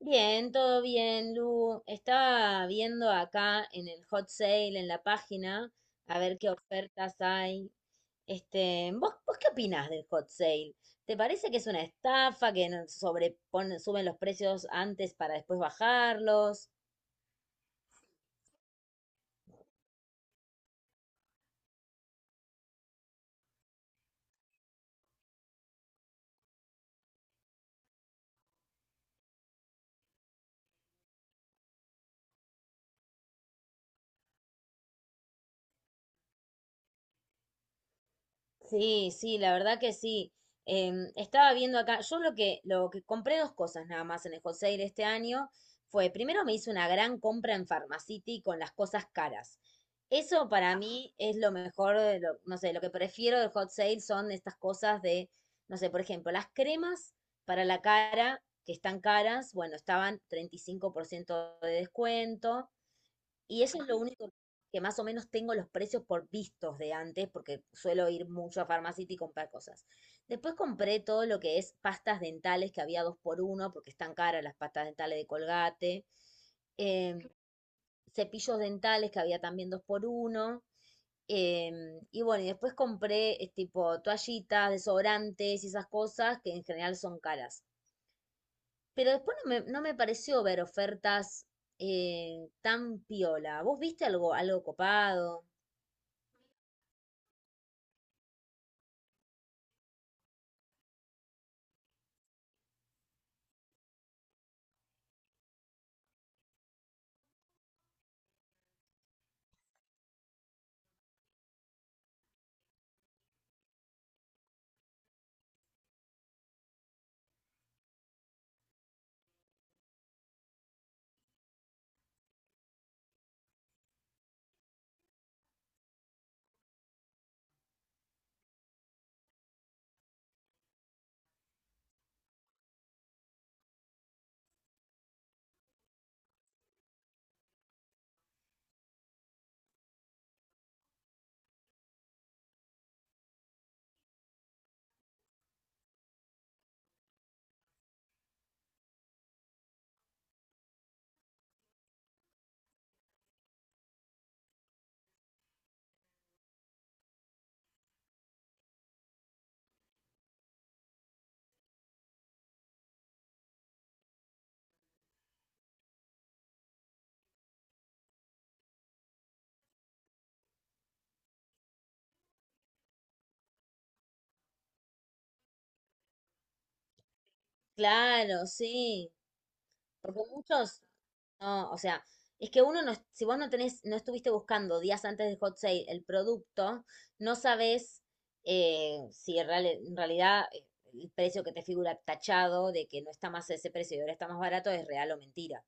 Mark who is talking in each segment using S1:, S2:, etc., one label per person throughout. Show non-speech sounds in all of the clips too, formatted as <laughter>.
S1: Bien, todo bien, Lu. Estaba viendo acá en el hot sale, en la página, a ver qué ofertas hay. Este, ¿vos qué opinás del hot sale? ¿Te parece que es una estafa, que suben los precios antes para después bajarlos? Sí, sí, la verdad que sí. Estaba viendo acá, yo lo que compré dos cosas nada más en el Hot Sale este año fue, primero me hice una gran compra en Pharmacity con las cosas caras. Eso para mí es lo mejor, no sé, lo que prefiero del Hot Sale son estas cosas de, no sé, por ejemplo, las cremas para la cara, que están caras, bueno, estaban 35% de descuento. Y eso es lo único que más o menos tengo los precios por vistos de antes, porque suelo ir mucho a Farmacity y comprar cosas. Después compré todo lo que es pastas dentales, que había dos por uno, porque están caras las pastas dentales de Colgate. em, Cepillos dentales, que había también dos por uno. Y bueno, y después compré tipo toallitas, desodorantes y esas cosas que en general son caras. Pero después no me pareció ver ofertas tan piola. ¿Vos viste algo, algo copado? Claro, sí. Porque muchos, no, o sea, es que uno no, si vos no tenés, no estuviste buscando días antes del hot sale el producto, no sabés si en real- en realidad el precio que te figura tachado de que no está más ese precio y ahora está más barato es real o mentira.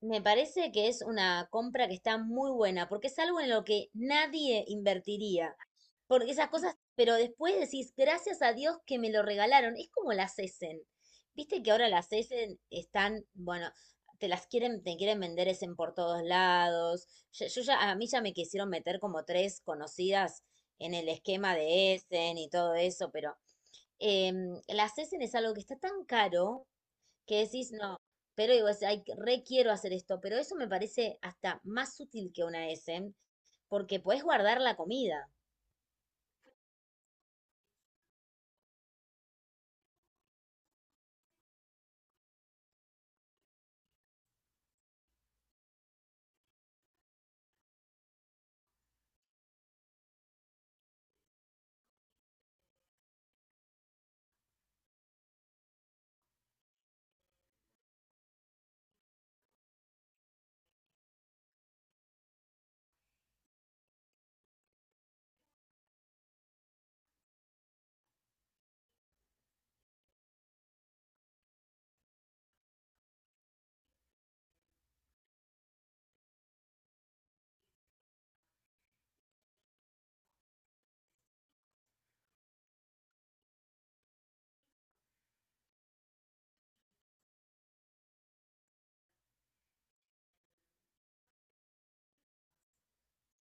S1: Me parece que es una compra que está muy buena, porque es algo en lo que nadie invertiría. Porque esas cosas, pero después decís, gracias a Dios que me lo regalaron. Es como las Essen. Viste que ahora las Essen están, bueno, te las quieren, te quieren vender Essen por todos lados. Yo ya, a mí ya me quisieron meter como tres conocidas en el esquema de Essen y todo eso, pero las Essen es algo que está tan caro que decís, no, pero digo, es, ay, re quiero hacer esto, pero eso me parece hasta más útil que una S, porque podés guardar la comida.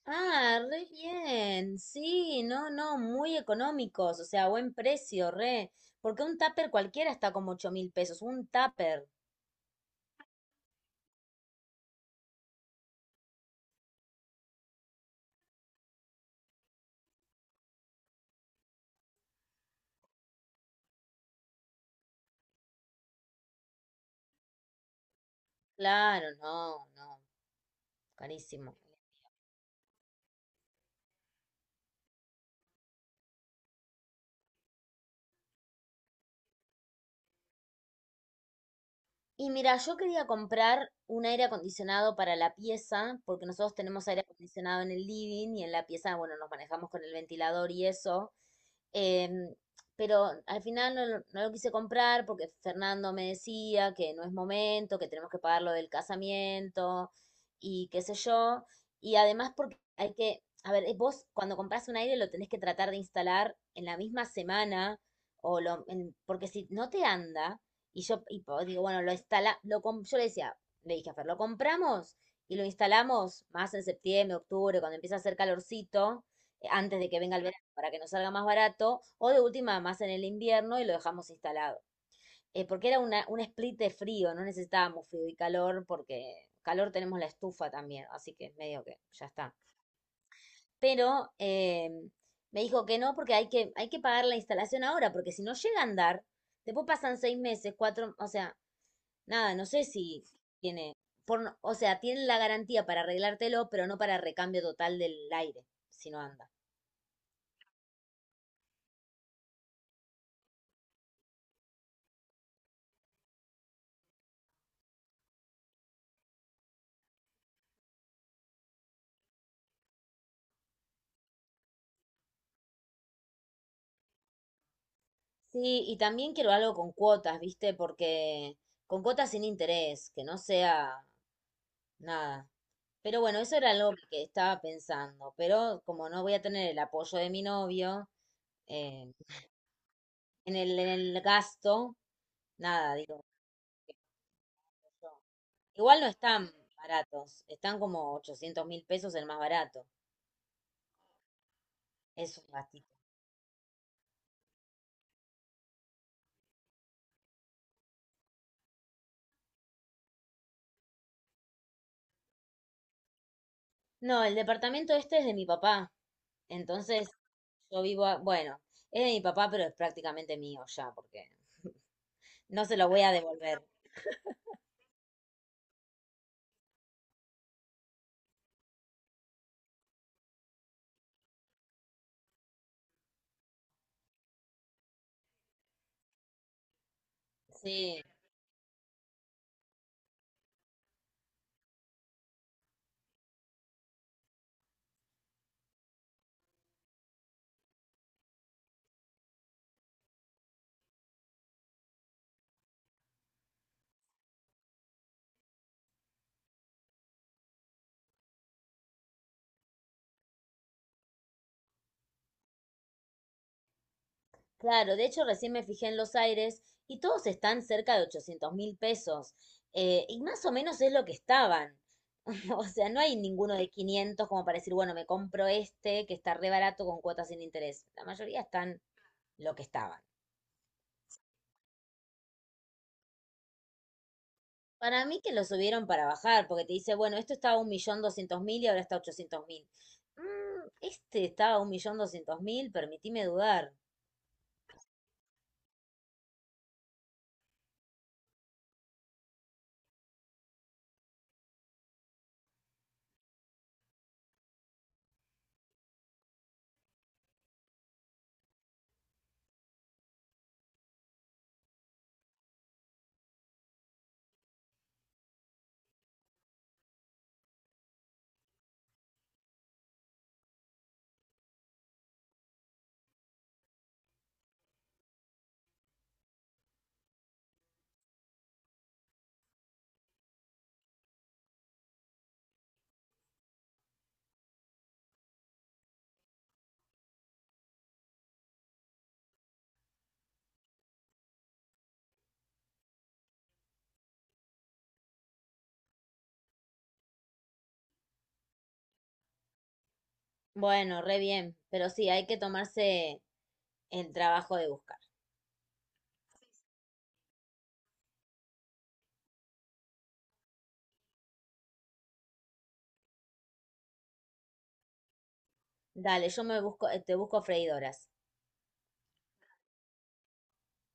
S1: Ah, re bien, sí, no, no, muy económicos, o sea, buen precio, re, porque un tupper cualquiera está como 8.000 pesos, un tupper, claro, no, no, carísimo. Y mira, yo quería comprar un aire acondicionado para la pieza, porque nosotros tenemos aire acondicionado en el living y en la pieza, bueno, nos manejamos con el ventilador y eso. em, pero al final no, no lo quise comprar porque Fernando me decía que no es momento, que tenemos que pagar lo del casamiento y qué sé yo. Y además porque hay que, a ver, vos cuando compras un aire lo tenés que tratar de instalar en la misma semana porque si no te anda y yo y digo, bueno, lo instala, lo, com- yo le decía, le dije a Fer, lo compramos y lo instalamos más en septiembre, octubre, cuando empieza a hacer calorcito, antes de que venga el verano, para que nos salga más barato, o de última, más en el invierno y lo dejamos instalado. Porque era una, un split de frío, no necesitábamos frío y calor, porque calor tenemos la estufa también, así que medio que ya está. Pero me dijo que no, porque hay que pagar la instalación ahora, porque si no llega a andar, después pasan 6 meses, cuatro, o sea, nada, no sé si tiene, por, no- o sea, tienen la garantía para arreglártelo, pero no para recambio total del aire, si no anda. Sí, y también quiero algo con cuotas, ¿viste? Porque con cuotas sin interés, que no sea nada. Pero bueno, eso era algo que estaba pensando, pero como no voy a tener el apoyo de mi novio eh, en el gasto, nada, digo. Yo. Igual no están baratos, están como 800.000 pesos el más barato. Es un gasto. No, el departamento este es de mi papá. Entonces, yo vivo, bueno, es de mi papá, pero es prácticamente mío ya, porque <laughs> no se lo voy a devolver. Sí, claro, de hecho recién me fijé en los aires y todos están cerca de 800.000 pesos. Eh, y más o menos es lo que estaban. <laughs> O sea, no hay ninguno de 500 como para decir, bueno, me compro este que está re barato con cuotas sin interés. La mayoría están lo que estaban. Para mí que lo subieron para bajar, porque te dice, bueno, esto estaba 1.200.000 y ahora está 800.000. Este estaba 1.200.000, permitime dudar. Bueno, re bien, pero sí, hay que tomarse el trabajo de buscar. Dale, yo me busco, te busco freidoras.